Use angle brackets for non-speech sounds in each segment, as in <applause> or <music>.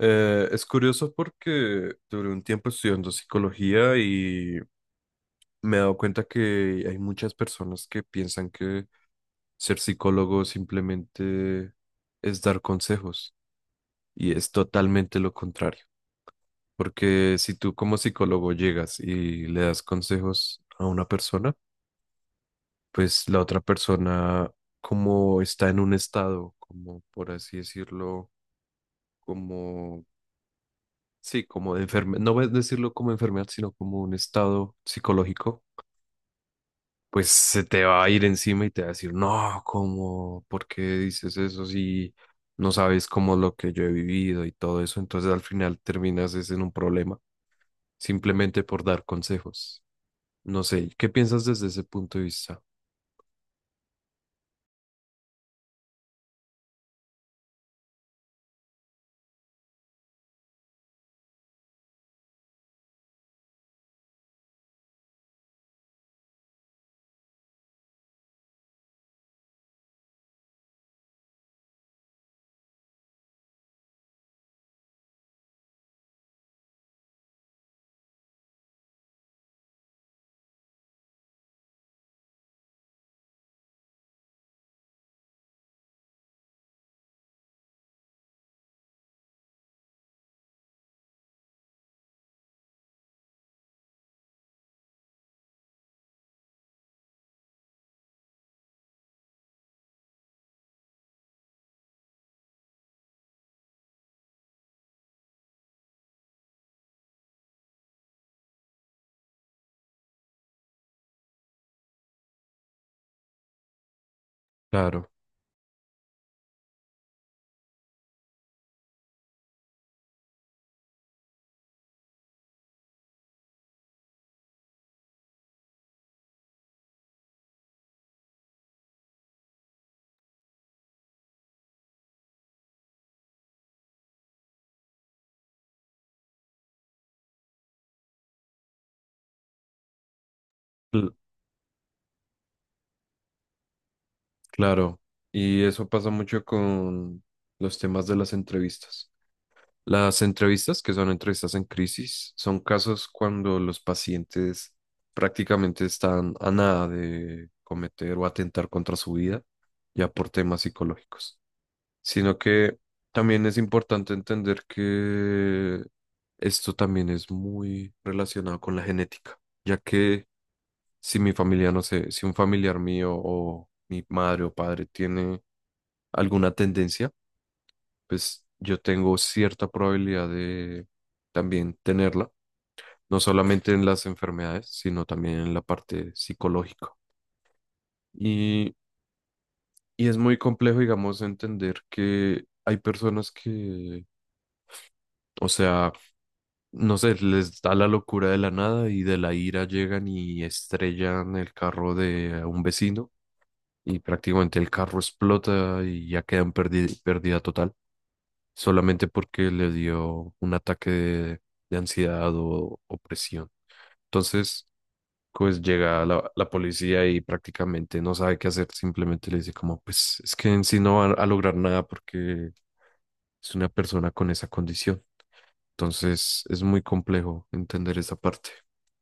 Es curioso porque duré un tiempo estudiando psicología y me he dado cuenta que hay muchas personas que piensan que ser psicólogo simplemente es dar consejos y es totalmente lo contrario. Porque si tú como psicólogo llegas y le das consejos a una persona, pues la otra persona como está en un estado, como por así decirlo, como sí, como de enfermedad, no voy a decirlo como enfermedad, sino como un estado psicológico, pues se te va a ir encima y te va a decir, no, ¿cómo? ¿Por qué dices eso si no sabes cómo lo que yo he vivido y todo eso? Entonces al final terminas es en un problema, simplemente por dar consejos. No sé, ¿qué piensas desde ese punto de vista? Claro, cl- claro. Y eso pasa mucho con los temas de las entrevistas. Las entrevistas, que son entrevistas en crisis, son casos cuando los pacientes prácticamente están a nada de cometer o atentar contra su vida, ya por temas psicológicos. Sino que también es importante entender que esto también es muy relacionado con la genética, ya que si mi familia, no sé, si un familiar mío o mi madre o padre tiene alguna tendencia, pues yo tengo cierta probabilidad de también tenerla, no solamente en las enfermedades, sino también en la parte psicológica. Y, y es muy complejo, digamos, entender que hay personas que, o sea, no sé, les da la locura de la nada y de la ira llegan y estrellan el carro de un vecino y prácticamente el carro explota y ya quedan pérdida total. Solamente porque le dio un ataque de ansiedad o opresión. Entonces, pues llega la policía y prácticamente no sabe qué hacer, simplemente le dice como, pues es que en sí no va a lograr nada porque es una persona con esa condición. Entonces, es muy complejo entender esa parte.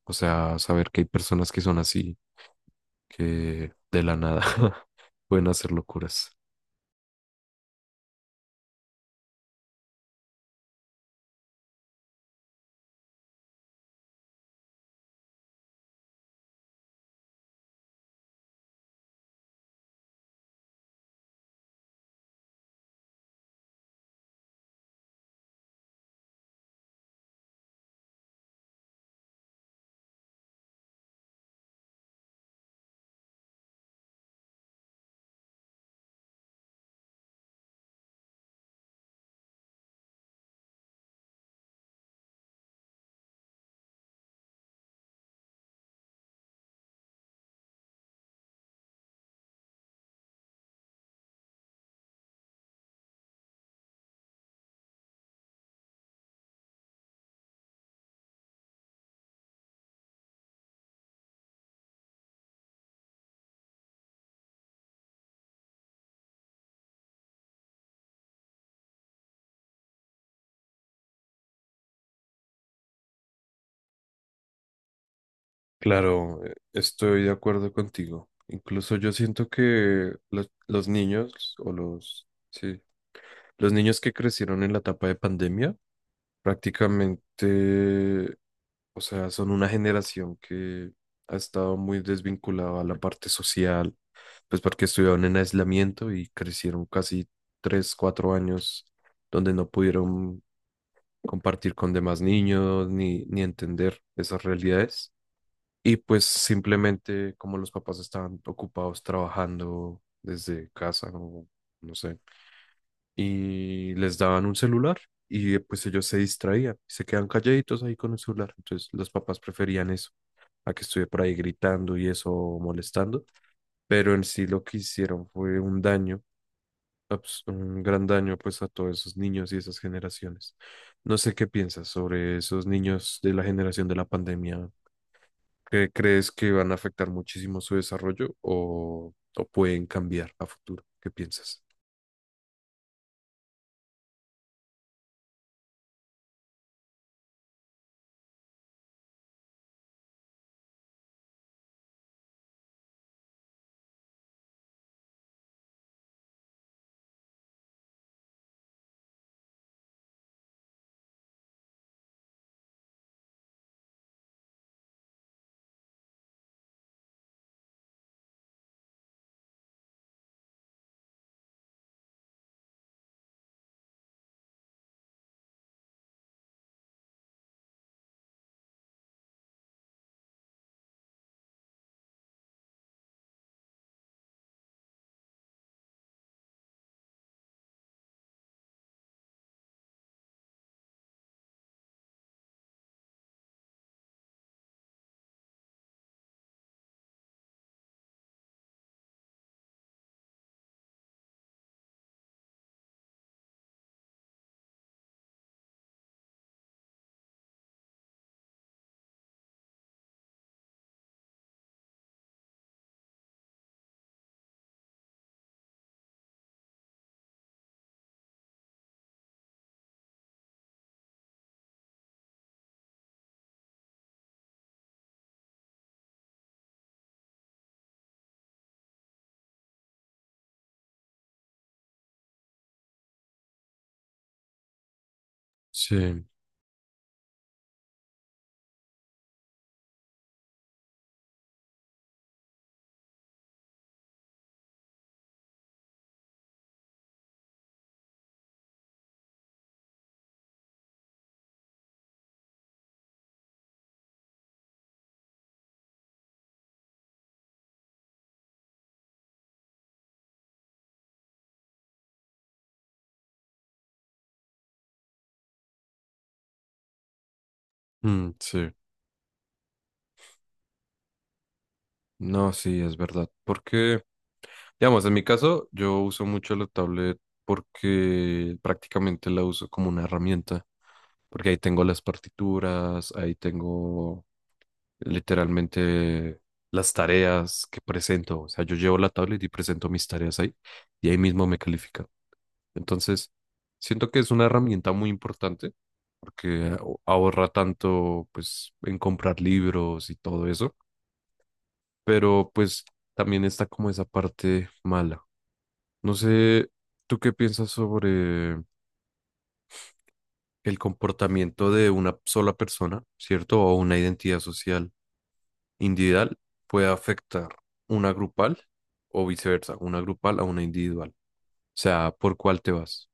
O sea, saber que hay personas que son así, que de la nada <laughs> pueden hacer locuras. Claro, estoy de acuerdo contigo. Incluso yo siento que los niños o los, sí, los niños que crecieron en la etapa de pandemia, prácticamente, o sea, son una generación que ha estado muy desvinculada a la parte social, pues porque estuvieron en aislamiento y crecieron casi tres, cuatro años donde no pudieron compartir con demás niños ni entender esas realidades. Y pues simplemente como los papás estaban ocupados trabajando desde casa o no sé, y les daban un celular y pues ellos se distraían, se quedan calladitos ahí con el celular. Entonces los papás preferían eso a que estuviera por ahí gritando y eso molestando, pero en sí lo que hicieron fue un daño, un gran daño pues a todos esos niños y esas generaciones. No sé qué piensas sobre esos niños de la generación de la pandemia. ¿Crees que van a afectar muchísimo su desarrollo o pueden cambiar a futuro? ¿Qué piensas? Sí, mm, sí. No, sí, es verdad. Porque, digamos, en mi caso, yo uso mucho la tablet porque prácticamente la uso como una herramienta. Porque ahí tengo las partituras, ahí tengo literalmente las tareas que presento. O sea, yo llevo la tablet y presento mis tareas ahí y ahí mismo me califican. Entonces, siento que es una herramienta muy importante porque ahorra tanto pues en comprar libros y todo eso, pero pues también está como esa parte mala. No sé, ¿tú qué piensas sobre el comportamiento de una sola persona, ¿cierto? O una identidad social individual puede afectar una grupal o viceversa, una grupal a una individual. O sea, ¿por cuál te vas?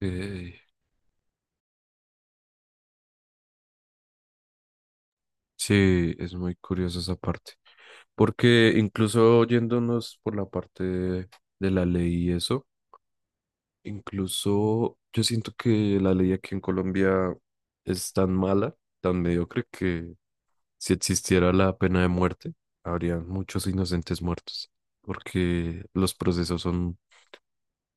Eh, Sí, es muy curiosa esa parte. Porque incluso yéndonos por la parte de la ley y eso, incluso yo siento que la ley aquí en Colombia es tan mala, tan mediocre, que si existiera la pena de muerte, habría muchos inocentes muertos. Porque los procesos son,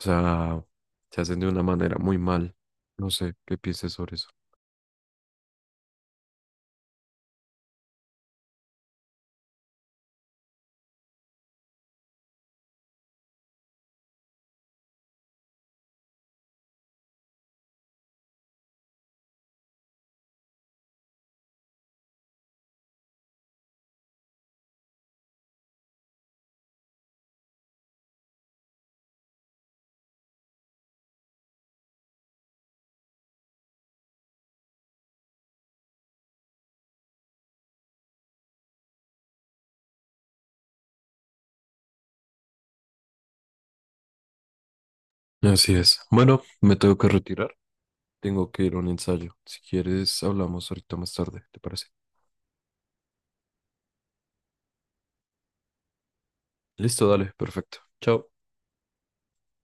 o sea, se hacen de una manera muy mal. No sé qué pienses sobre eso. Así es. Bueno, me tengo que retirar. Tengo que ir a un ensayo. Si quieres, hablamos ahorita más tarde, ¿te parece? Listo, dale, perfecto. Chao.